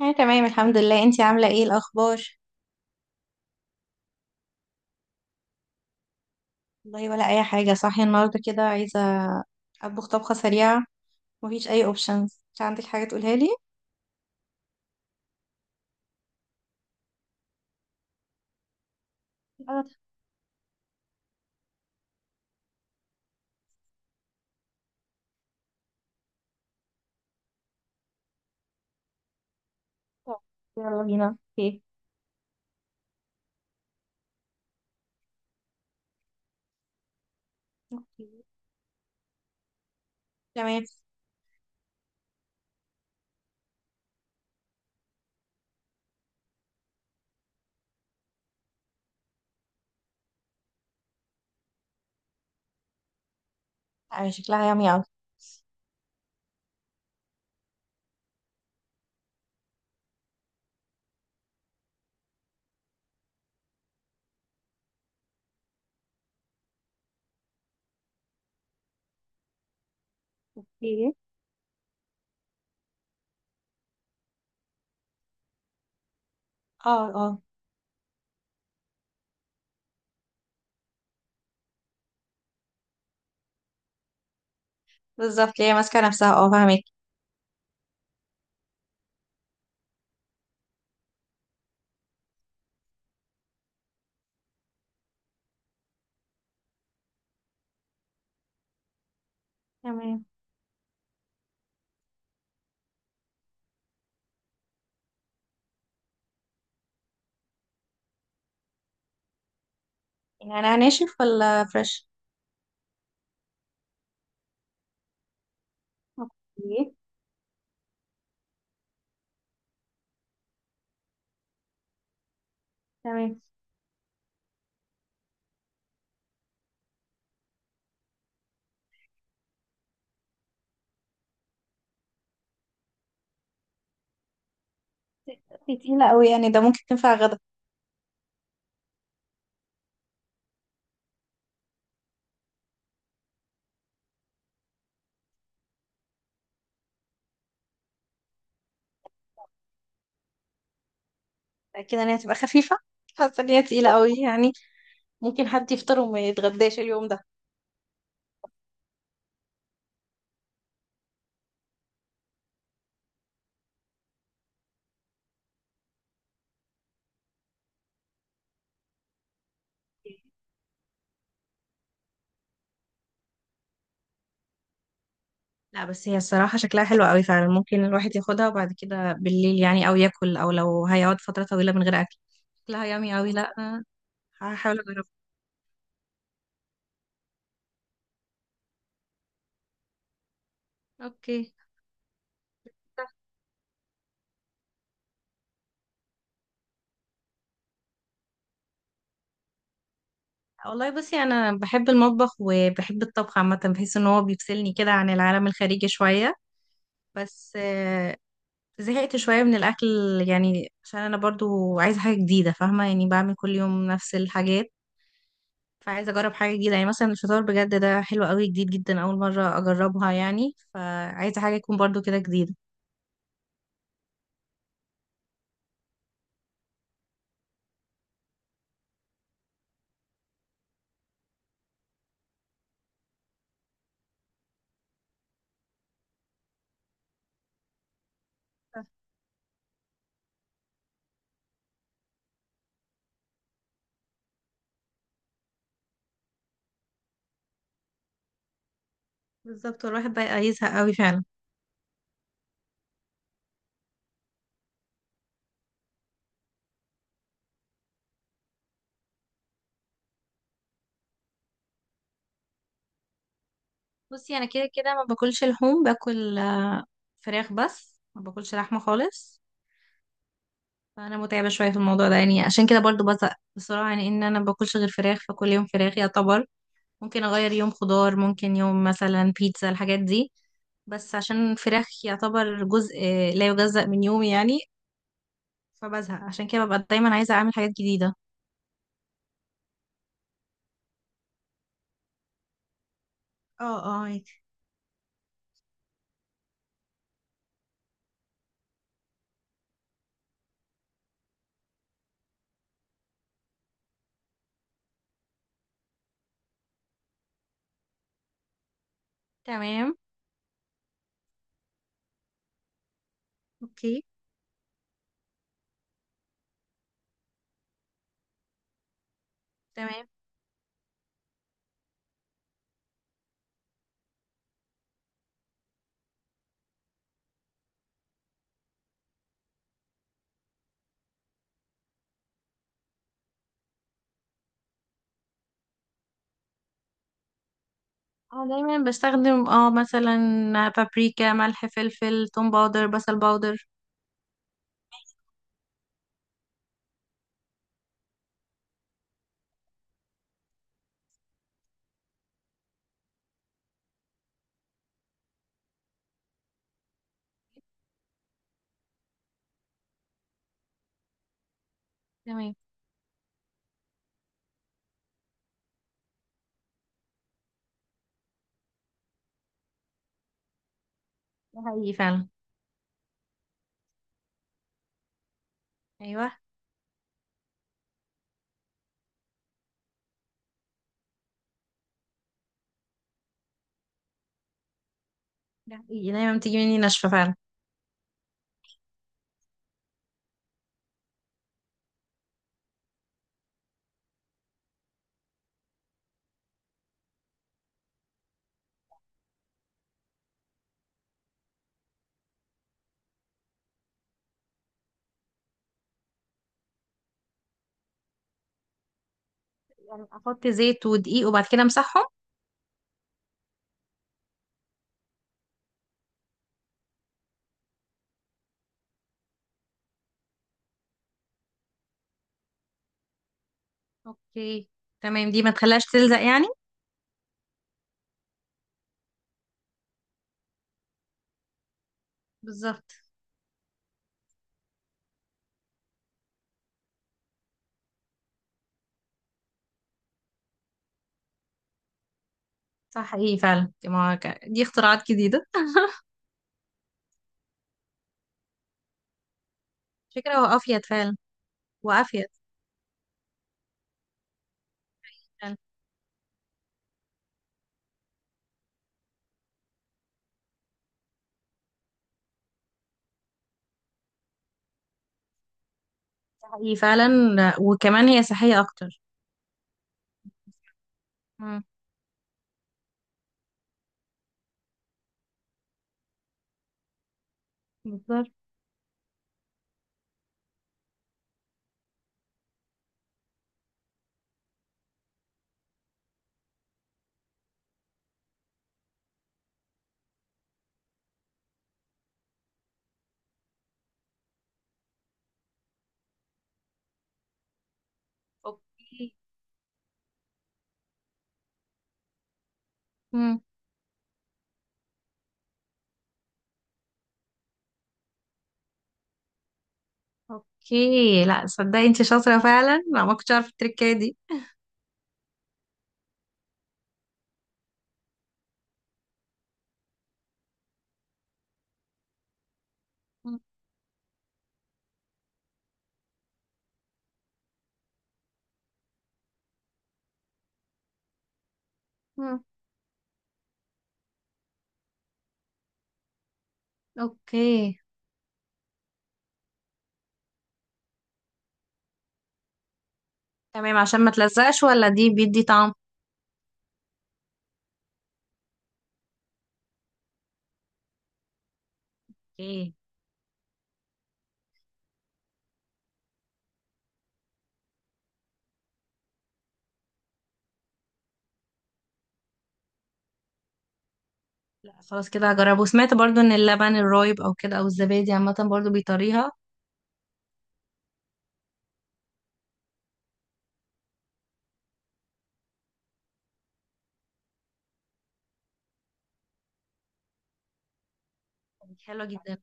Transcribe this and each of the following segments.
انا تمام الحمد لله. انتي عامله ايه الاخبار؟ والله ولا اي حاجه، صاحيه النهارده كده عايزه اطبخ طبخه سريعه. مفيش اي اوبشنز؟ مش عندك حاجه تقولها لي؟ انا تحت. يلا بينا، اوكي. أوكي. تمام. آه، شكلها يامي اوي. اوكي. اه، اه. بالظبط، هي ماسكه نفسها. اه، فاهمك. تمام. يعني ناشف ولا فريش؟ اوكي. تمام. دي تقيله قوي يعني، ده ممكن تنفع غدا؟ اكيد ان هي تبقى خفيفه، حاسه ان هي تقيله قوي يعني. ممكن حد يفطر وما يتغداش اليوم ده. لا، بس هي الصراحة شكلها حلو قوي فعلا، ممكن الواحد ياخدها وبعد كده بالليل يعني، او ياكل، او لو هيقعد فترة طويلة من غير اكل. شكلها يامي قوي. لا أنا. هحاول اجربها. اوكي. والله بصي، انا بحب المطبخ وبحب الطبخ عامة، بحس ان هو بيفصلني كده عن العالم الخارجي شوية. بس زهقت شوية من الاكل. يعني عشان انا برضو عايزة حاجة جديدة، فاهمة؟ يعني بعمل كل يوم نفس الحاجات. فعايزة أجرب حاجة جديدة، يعني مثلا الفطار بجد ده حلو قوي، جديد جدا أول مرة أجربها يعني، فعايزة حاجة تكون برضو كده جديدة. بالظبط، والواحد بقى يزهق قوي فعلا. بصي أنا كده كده ما باكلش لحوم، باكل فراخ، بس ما باكلش لحمة خالص. فأنا متعبة شوية في الموضوع ده يعني، عشان كده برضو بزهق بسرعة، يعني إن أنا ما باكلش غير فراخ، فكل يوم فراخ يعتبر. ممكن أغير يوم خضار، ممكن يوم مثلا بيتزا، الحاجات دي. بس عشان الفراخ يعتبر جزء لا يجزأ من يومي يعني. فبزهق عشان كده، ببقى دايما عايزة أعمل حاجات جديدة. اه، اه، عادي. تمام. اوكي. تمام. اه، دايما بستخدم مثلا، بابريكا، ملح، فلفل، توم باودر، بصل باودر. تمام. ده حقيقي فعلا. ايوه. ده حقيقي، دايما بتيجي مني ناشفة فعلا. يعني احط زيت ودقيق وبعد كده امسحهم؟ اوكي. تمام، دي ما تخليهاش تلزق يعني؟ بالظبط. صح حقيقي فعلا. دي, ما... ك- دي اختراعات جديدة. فكرة وافيد فعلا. وافيد فعلا. ده حقيقي فعلا. وكمان هي صحية اكتر. مم. بالظبط. اوكي. مم. اوكي. لا، صدقي انت شاطرة فعلا. لا، ما كنتش عارفة التركية دي. مم. مم. اوكي. تمام، عشان ما تلزقش ولا دي بيدي طعم؟ اوكي. لا خلاص، كده هجربه. وسمعت برضو ان اللبن الرايب او كده، او الزبادي عامة برضو بيطريها. حلوة جدا.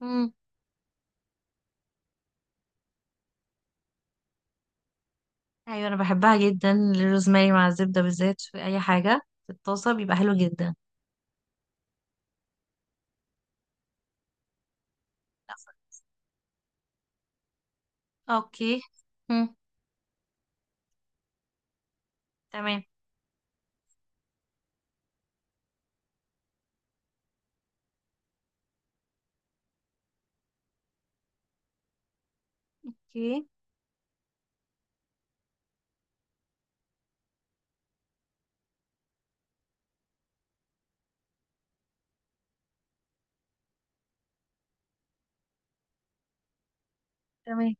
مم. ايوه، انا بحبها جدا الروزماري مع الزبدة، بالذات في اي حاجة. في الطاسة بيبقى حلو جدا. لا. اوكي. مم. تمام. اوكي. تمام.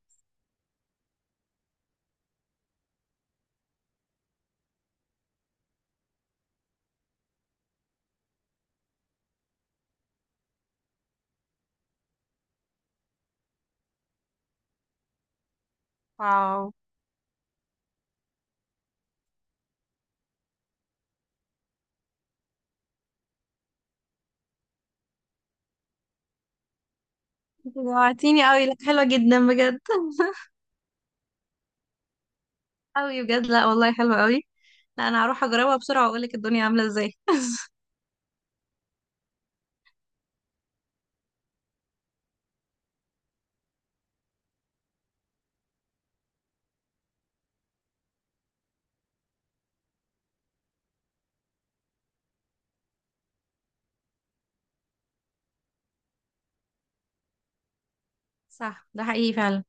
واو. انت جوعتيني قوي. لا، حلوة جدا بجد. قوي بجد. لا والله، حلوة قوي. لا، انا هروح اجربها بسرعة واقول لك الدنيا عاملة ازاي. صح، ده حقيقي فعلا.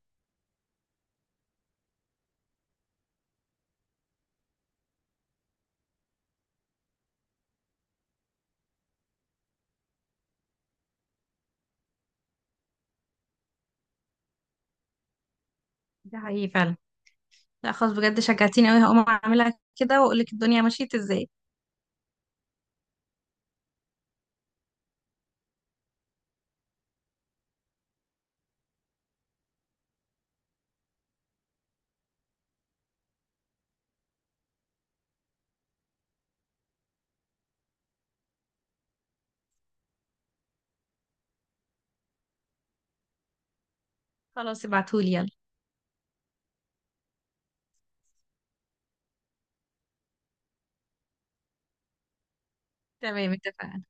ده حقيقي فعلا. لا خلاص، بجد شجعتيني قوي. هقوم اعملها كده واقول لك الدنيا مشيت ازاي. خلاص، ابعتهولي يلا. تمام، اتفقنا.